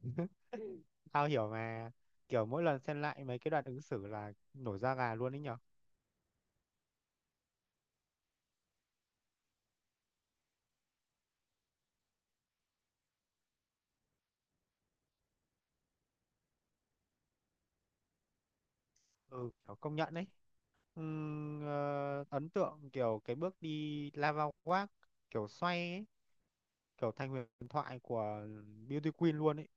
Tao hiểu mà, kiểu mỗi lần xem lại mấy cái đoạn ứng xử là nổi da gà luôn ấy nhở. Ừ, kiểu công nhận đấy. Ấn tượng kiểu cái bước đi lava walk kiểu xoay ấy, kiểu thành huyền thoại của Beauty Queen luôn ấy.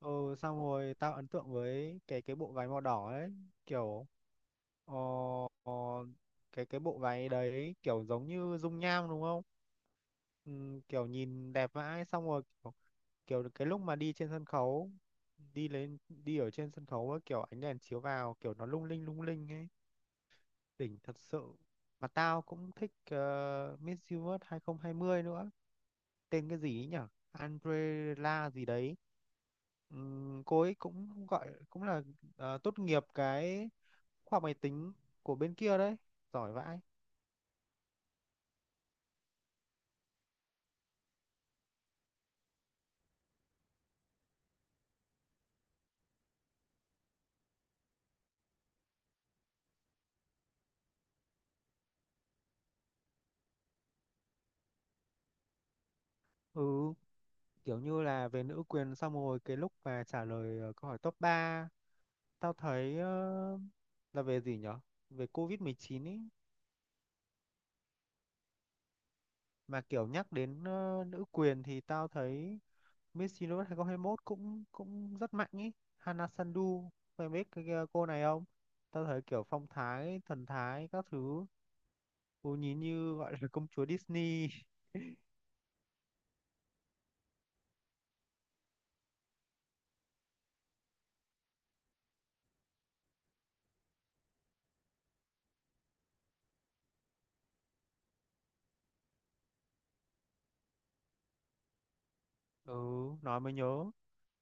Ừ, xong rồi tao ấn tượng với cái bộ váy màu đỏ ấy, kiểu ờ, ờ, cái bộ váy đấy kiểu giống như dung nham đúng không? Kiểu nhìn đẹp vãi, xong rồi kiểu cái lúc mà đi trên sân khấu, đi lên đi ở trên sân khấu ấy, kiểu ánh đèn chiếu vào kiểu nó lung linh ấy, đỉnh thật sự. Mà tao cũng thích Miss Universe 2020 nữa, tên cái gì ấy nhở, Andrela gì đấy. Cô ấy cũng gọi cũng là tốt nghiệp cái khoa học máy tính của bên kia đấy, giỏi vãi. Ừ, kiểu như là về nữ quyền, xong rồi cái lúc mà trả lời câu hỏi top ba, tao thấy là về gì nhở? Về COVID-19 ý. Mà kiểu nhắc đến nữ quyền thì tao thấy Miss Universe 2021 cũng cũng rất mạnh ý. Hana Sandu, mày biết cái cô này không? Tao thấy kiểu phong thái, thần thái, các thứ. Cô nhìn như gọi là công chúa Disney. Ừ, nói mới nhớ.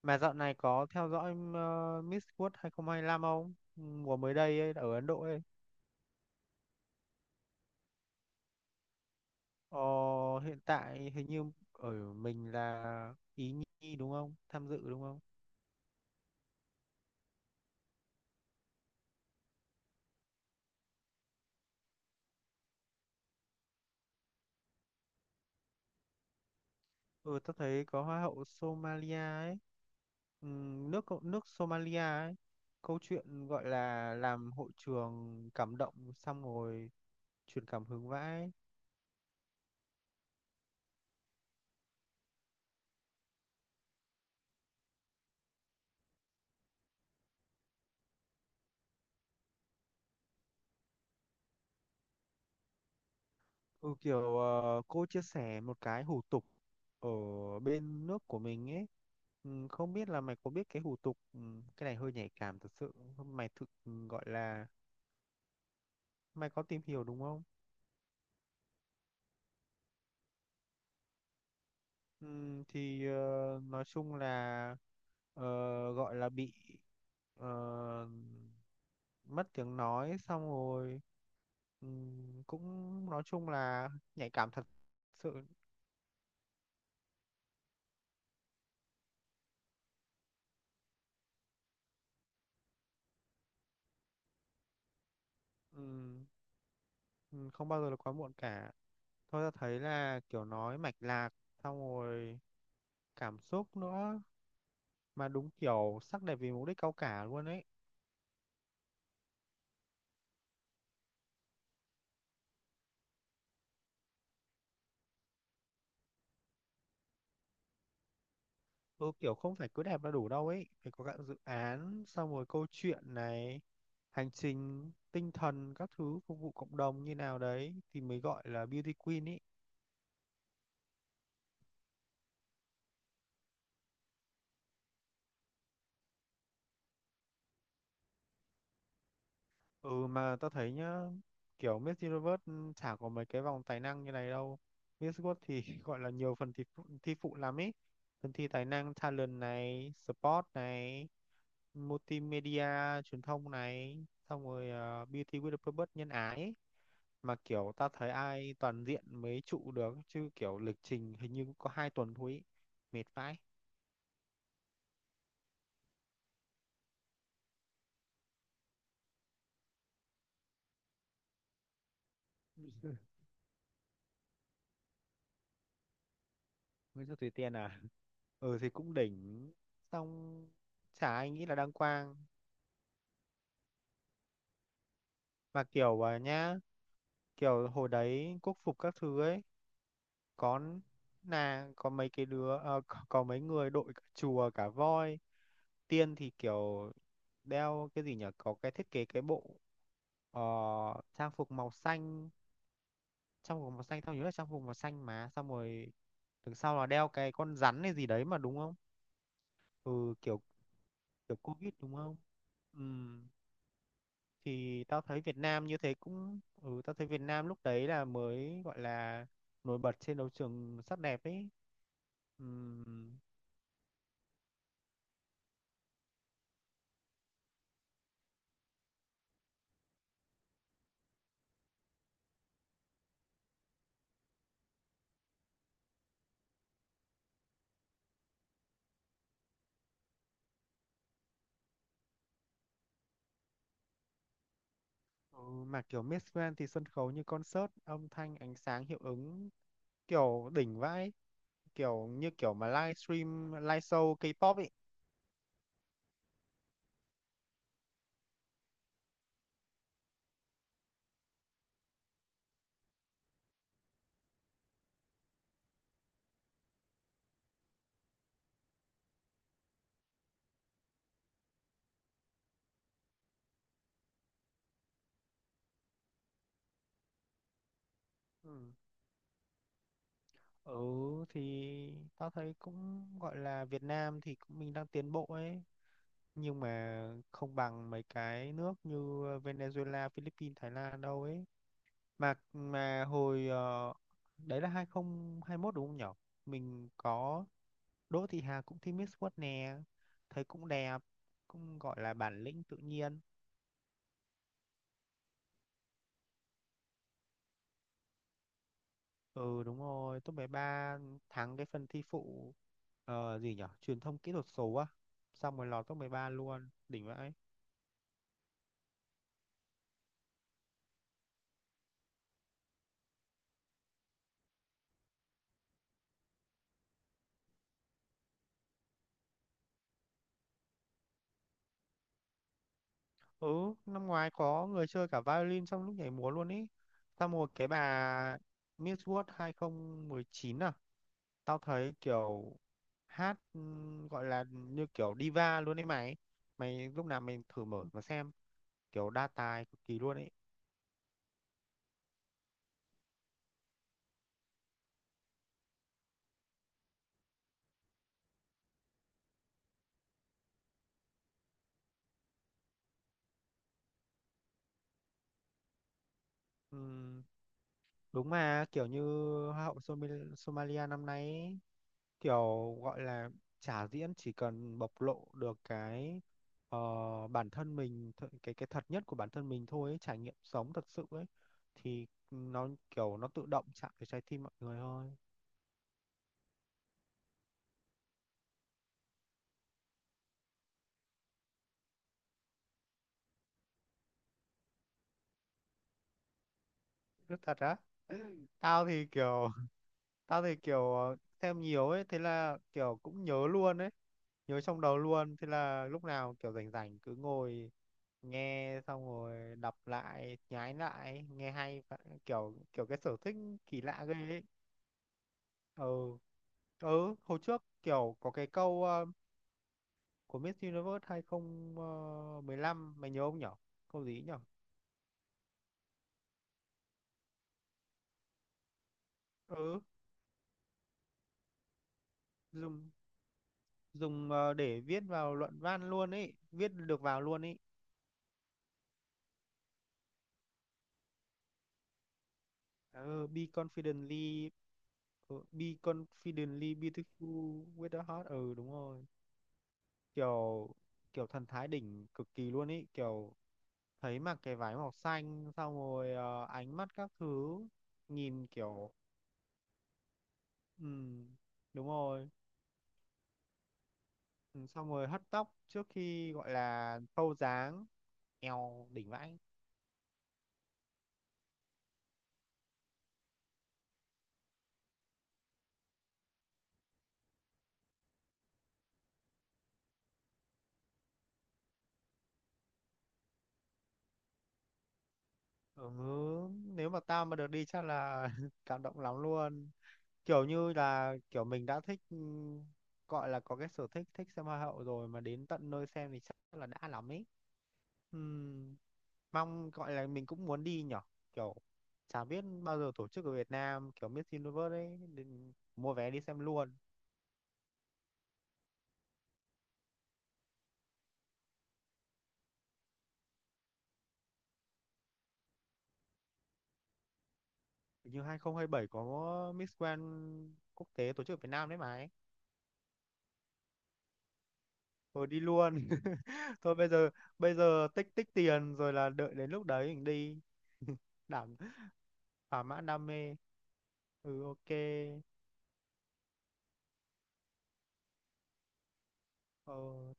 Mà dạo này có theo dõi Miss World 2025 không? 25 không? Mùa mới đây ấy, ở Ấn Độ ấy. Ờ, hiện tại hình như ở mình là Ý Nhi đúng không? Tham dự đúng không? Ừ, tôi thấy có Hoa hậu Somalia ấy. Nước Somalia ấy. Câu chuyện gọi là làm hội trường cảm động, xong rồi truyền cảm hứng vãi. Ừ, kiểu cô chia sẻ một cái hủ tục ở bên nước của mình ấy. Không biết là mày có biết cái hủ tục, cái này hơi nhạy cảm thật sự. Mày thực gọi là mày có tìm hiểu đúng không? Thì nói chung là ờ, gọi là bị ờ, mất tiếng nói, xong rồi cũng nói chung là nhạy cảm thật sự. Ừm, Không bao giờ là quá muộn cả, thôi ta thấy là kiểu nói mạch lạc, xong rồi cảm xúc nữa, mà đúng kiểu sắc đẹp vì mục đích cao cả luôn ấy. Ừ, kiểu không phải cứ đẹp là đủ đâu ấy, phải có cả dự án, xong rồi câu chuyện này, hành trình tinh thần các thứ, phục vụ cộng đồng như nào đấy thì mới gọi là beauty queen ý. Ừ, mà tao thấy nhá, kiểu Miss Universe chả có mấy cái vòng tài năng như này đâu. Miss World thì gọi là nhiều phần thi phụ lắm ý, phần thi tài năng talent này, sport này, multimedia truyền thông này, xong rồi Beauty with a Purpose nhân ái ý. Mà kiểu tao thấy ai toàn diện mới trụ được, chứ kiểu lịch trình hình như cũng có 2 tuần thôi ý. Mệt vãi. Nguyễn Thị Thùy Tiên à. Ừ, thì cũng đỉnh, xong chả ai nghĩ là đăng quang. Và kiểu à, nhá, kiểu hồi đấy quốc phục các thứ ấy, có có mấy cái đứa, có mấy người đội cả chùa cả voi. Tiên thì kiểu đeo cái gì nhỉ? Có cái thiết kế cái bộ ờ, trang phục màu xanh, trang phục màu xanh, tao nhớ là trang phục màu xanh mà, xong rồi đằng sau là đeo cái con rắn hay gì đấy mà, đúng không? Ừ, kiểu kiểu Covid đúng không? Ừ. Thì tao thấy Việt Nam như thế cũng tao thấy Việt Nam lúc đấy là mới gọi là nổi bật trên đấu trường sắc đẹp ấy. Ừm, ừ, mà kiểu Miss Grand thì sân khấu như concert, âm thanh ánh sáng hiệu ứng kiểu đỉnh vãi, kiểu như kiểu mà livestream live show K-pop ấy. Ừ. Ừ, thì tao thấy cũng gọi là Việt Nam thì cũng mình đang tiến bộ ấy, nhưng mà không bằng mấy cái nước như Venezuela, Philippines, Thái Lan đâu ấy. Mà hồi đấy là 2021 đúng không nhỉ? Mình có Đỗ Thị Hà cũng thi Miss World nè, thấy cũng đẹp, cũng gọi là bản lĩnh tự nhiên. Ừ, đúng rồi, top 13, thắng cái phần thi phụ gì nhỉ? Truyền thông kỹ thuật số á, xong rồi lọt top 13 luôn, đỉnh vậy. Ừ, năm ngoái có người chơi cả violin trong lúc nhảy múa luôn ý, xong rồi cái bà Miss World 2019 à, tao thấy kiểu hát gọi là như kiểu diva luôn ấy mày. Mày lúc nào mình thử mở mà xem, kiểu đa tài cực kỳ luôn ấy. Ừm, Đúng, mà kiểu như Hoa hậu Somalia năm nay ấy, kiểu gọi là trả diễn chỉ cần bộc lộ được cái ờ, bản thân mình, cái thật nhất của bản thân mình thôi ấy, trải nghiệm sống thật sự ấy, thì nó kiểu nó tự động chạm vào trái tim mọi người thôi. Rất thật á. Tao thì kiểu tao thì kiểu xem nhiều ấy, thế là kiểu cũng nhớ luôn ấy, nhớ trong đầu luôn, thế là lúc nào kiểu rảnh rảnh cứ ngồi nghe, xong rồi đọc lại, nhái lại, nghe hay kiểu kiểu cái sở thích kỳ lạ ghê ấy. Ừ, ừ, hồi trước kiểu có cái câu của Miss Universe 2015, mày nhớ không nhở, câu gì ấy nhở. Ừ, dùng dùng để viết vào luận văn luôn ấy, viết được vào luôn ấy. Ừ, be confidently. Ờ, be confidently beautiful with a heart. Ừ, đúng rồi. Kiểu kiểu thần thái đỉnh cực kỳ luôn ý, kiểu thấy mặc cái váy màu xanh, xong rồi ánh mắt các thứ, nhìn kiểu ừ đúng rồi. Ừ, xong rồi hất tóc trước khi gọi là thâu dáng, eo đỉnh vãi. Ừ, nếu mà tao mà được đi chắc là cảm động lắm luôn, kiểu như là kiểu mình đã thích, gọi là có cái sở thích thích xem hoa hậu rồi mà đến tận nơi xem thì chắc là đã lắm ấy. Ừm, Mong gọi là mình cũng muốn đi nhở, kiểu chả biết bao giờ tổ chức ở Việt Nam kiểu Miss Universe ấy, nên mua vé đi xem luôn. Hình như 2027 có Miss Grand quốc tế tổ chức ở Việt Nam đấy mà ấy. Thôi đi luôn. Thôi bây giờ tích tích tiền rồi là đợi đến lúc đấy mình đi. đảm Thỏa mãn đam mê. Ừ, ok. ờ,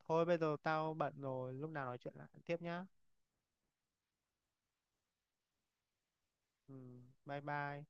thôi bây giờ tao bận rồi, lúc nào nói chuyện lại tiếp nhá. Ừ, bye bye.